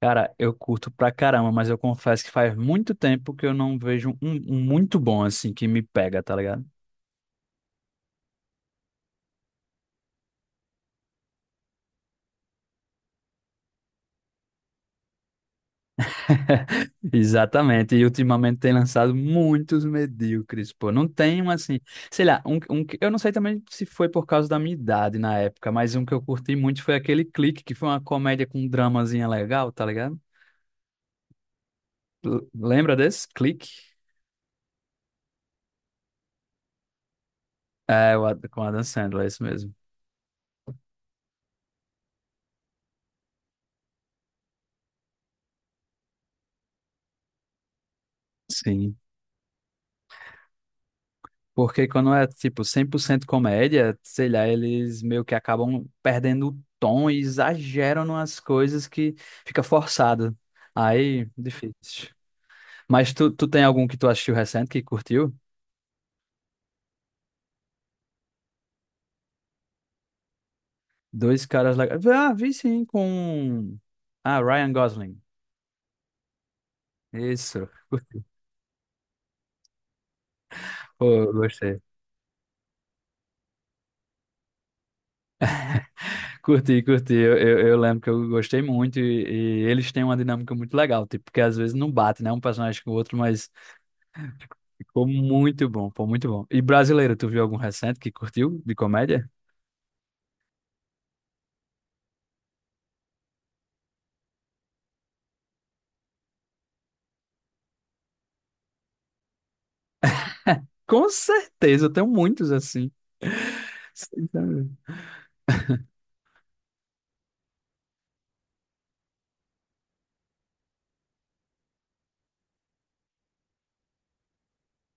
Cara, eu curto pra caramba, mas eu confesso que faz muito tempo que eu não vejo um muito bom assim que me pega, tá ligado? Exatamente. E ultimamente tem lançado muitos medíocres, pô. Não tem um assim, sei lá, um que eu não sei também se foi por causa da minha idade na época, mas um que eu curti muito foi aquele Clique, que foi uma comédia com um dramazinha legal, tá ligado? Lembra desse? Clique? É, com Adam Sandler, é isso mesmo. Sim. Porque quando é, tipo, 100% comédia, sei lá, eles meio que acabam perdendo o tom e exageram nas coisas que fica forçado. Aí, difícil. Mas tu tem algum que tu assistiu recente que curtiu? Dois caras legais. Ah, vi sim, com... Ah, Ryan Gosling. Isso. Curti. Pô, gostei. Curti, curti. Eu lembro que eu gostei muito e eles têm uma dinâmica muito legal, tipo, porque às vezes não bate, né? Um personagem com o outro, mas ficou muito bom, pô, muito bom. E brasileiro, tu viu algum recente que curtiu de comédia? Com certeza, eu tenho muitos assim. Sim, tá vendo?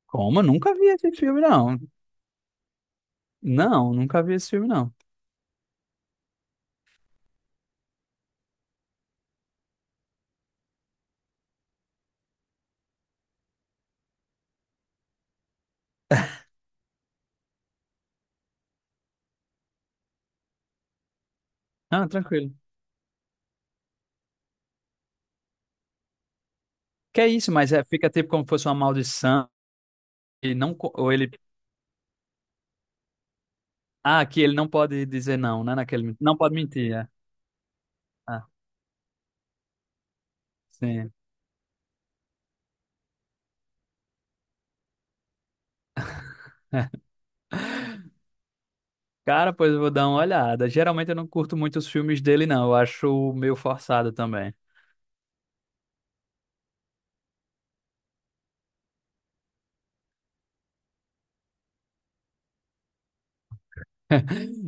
Como? Eu nunca vi esse filme, não. Não, nunca vi esse filme, não. Ah, tranquilo. Que é isso, mas é, fica tipo como se fosse uma maldição. E não, co- ou ele. Ah, que ele não pode dizer não, né? Naquele, não pode mentir. É. Ah, sim. Cara, pois eu vou dar uma olhada. Geralmente eu não curto muito os filmes dele, não. Eu acho meio forçado também.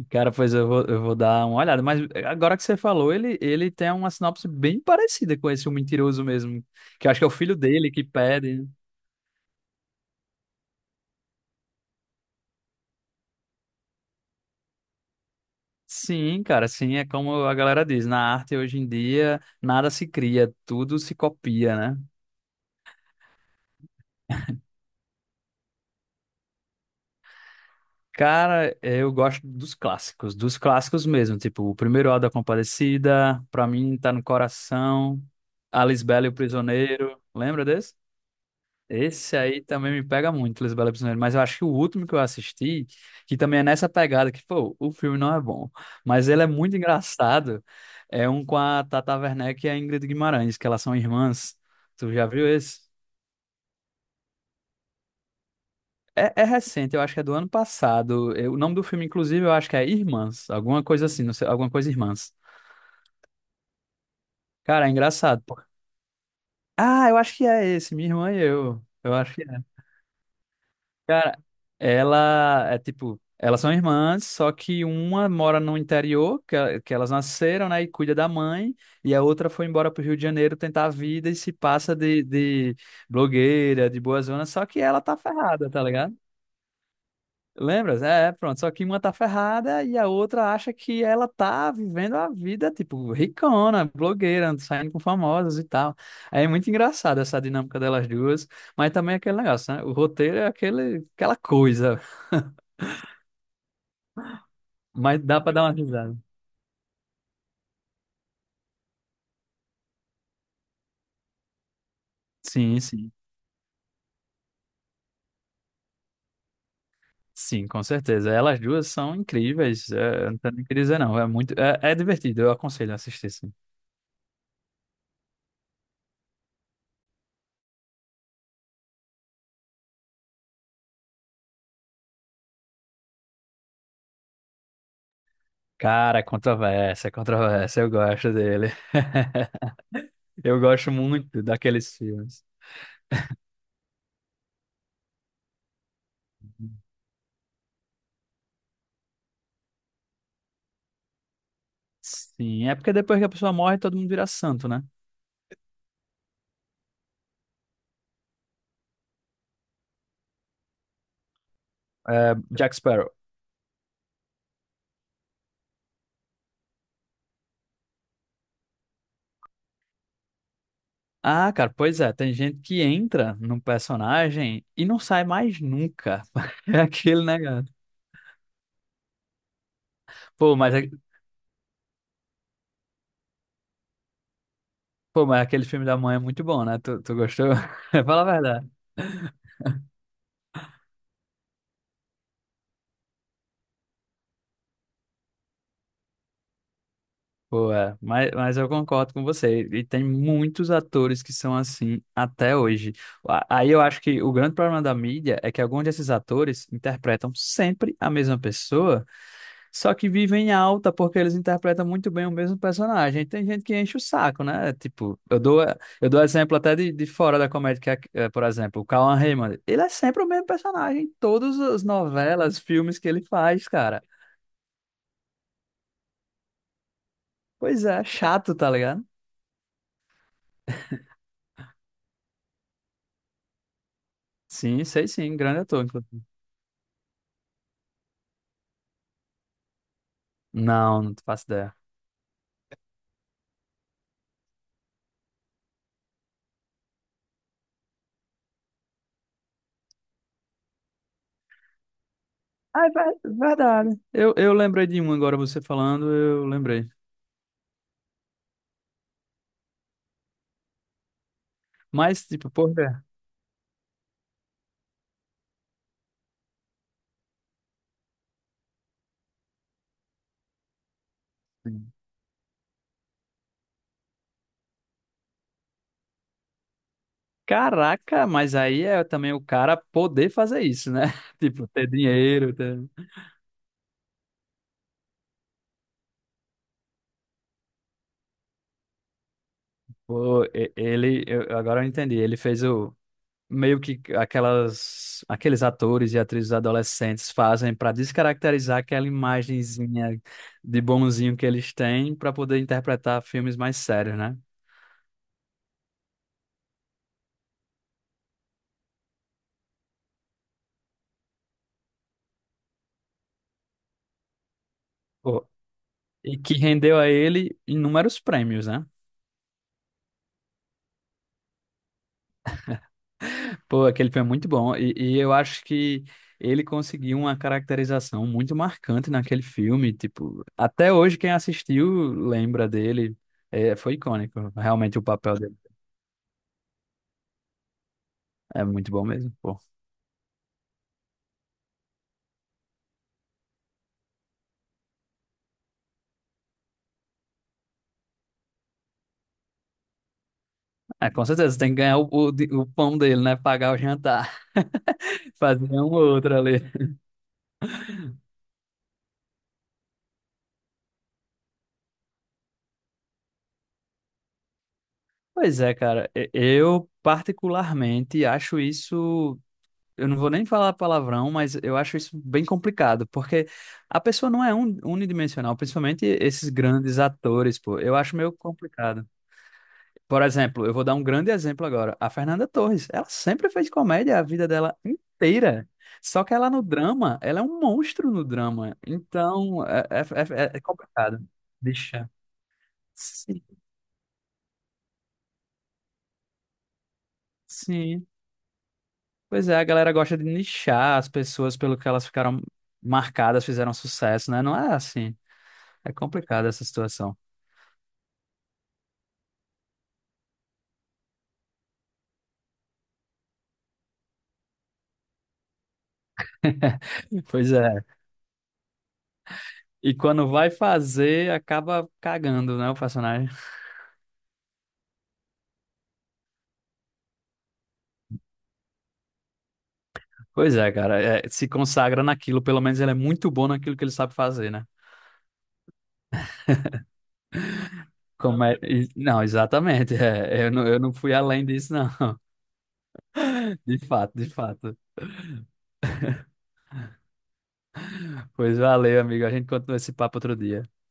Cara, pois eu vou dar uma olhada. Mas agora que você falou, ele tem uma sinopse bem parecida com esse O Mentiroso mesmo. Que eu acho que é o filho dele que pede, né? Sim, cara, sim, é como a galera diz. Na arte hoje em dia, nada se cria, tudo se copia, né? Cara, eu gosto dos clássicos mesmo. Tipo, o primeiro Auto da Compadecida, pra mim tá no coração. Alice Bell e o Prisioneiro. Lembra desse? Esse aí também me pega muito, Lisbela Prisioneira, mas eu acho que o último que eu assisti, que também é nessa pegada, que, pô, o filme não é bom, mas ele é muito engraçado, é um com a Tata Werneck e a Ingrid Guimarães, que elas são irmãs. Tu já viu esse? É, é recente, eu acho que é do ano passado. O nome do filme, inclusive, eu acho que é Irmãs, alguma coisa assim, não sei, alguma coisa Irmãs. Cara, é engraçado, pô. Ah, eu acho que é esse, Minha Irmã e Eu. Eu acho. Cara, elas são irmãs, só que uma mora no interior, que, que elas nasceram, né, e cuida da mãe, e a outra foi embora pro Rio de Janeiro tentar a vida e se passa de blogueira, de boa zona, só que ela tá ferrada, tá ligado? Lembras? É, pronto. Só que uma tá ferrada e a outra acha que ela tá vivendo a vida, tipo, ricona, blogueira, saindo com famosos e tal. Aí é muito engraçado essa dinâmica delas duas. Mas também é aquele negócio, né? O roteiro é aquele, aquela coisa. Mas dá pra dar uma risada. Sim, sim. Sim, com certeza. Elas duas são incríveis. É, não tenho nem o que dizer, não. É, é divertido. Eu aconselho a assistir, sim. Cara, é controvérsia, é controvérsia. Eu gosto dele. Eu gosto muito daqueles filmes. Sim, é porque depois que a pessoa morre, todo mundo vira santo, né? É, Jack Sparrow. Ah, cara, pois é. Tem gente que entra num personagem e não sai mais nunca. É aquele negócio. Pô, mas é Pô, mas aquele filme da mãe é muito bom, né? Tu gostou? Fala a verdade. Pô, é, mas, eu concordo com você. E tem muitos atores que são assim até hoje. Aí eu acho que o grande problema da mídia é que alguns desses atores interpretam sempre a mesma pessoa, só que vivem em alta porque eles interpretam muito bem o mesmo personagem. Tem gente que enche o saco, né? Tipo, eu dou exemplo até de fora da comédia, por exemplo, o Cauan Raymond. Ele é sempre o mesmo personagem em todas as novelas, filmes que ele faz, cara. Pois é, chato, tá ligado? Sim, sei sim, grande ator, inclusive. Não, não faço ideia. Ah, verdade. Eu lembrei de um agora, você falando, eu lembrei. Mas, tipo, porra. Caraca, mas aí é também o cara poder fazer isso, né? Tipo, ter dinheiro. Ter... Pô, e- ele, eu- Agora eu entendi. Ele fez o meio que aquelas, aqueles atores e atrizes adolescentes fazem para descaracterizar aquela imagenzinha de bonzinho que eles têm para poder interpretar filmes mais sérios, né? E que rendeu a ele inúmeros prêmios, né? Pô, aquele filme é muito bom. E eu acho que ele conseguiu uma caracterização muito marcante naquele filme. Tipo, até hoje quem assistiu lembra dele. É, foi icônico. Realmente o papel dele é muito bom mesmo. Pô. É, com certeza, tem que ganhar o pão dele, né? Pagar o jantar. Fazer um ou outro ali. Pois é, cara. Eu particularmente acho isso. Eu não vou nem falar palavrão, mas eu acho isso bem complicado, porque a pessoa não é unidimensional, principalmente esses grandes atores, pô. Eu acho meio complicado. Por exemplo, eu vou dar um grande exemplo agora. A Fernanda Torres, ela sempre fez comédia a vida dela inteira. Só que ela no drama, ela é um monstro no drama. Então, é complicado. Deixa. Sim, sim. Pois é, a galera gosta de nichar as pessoas pelo que elas ficaram marcadas, fizeram sucesso, né? Não é assim. É complicada essa situação. Pois é. E quando vai fazer, acaba cagando, né, o personagem. Pois é, cara. É, se consagra naquilo. Pelo menos ele é muito bom naquilo que ele sabe fazer, né? Não, exatamente. É, eu não fui além disso, não. De fato, de fato. Pois valeu, amigo. A gente continua esse papo outro dia.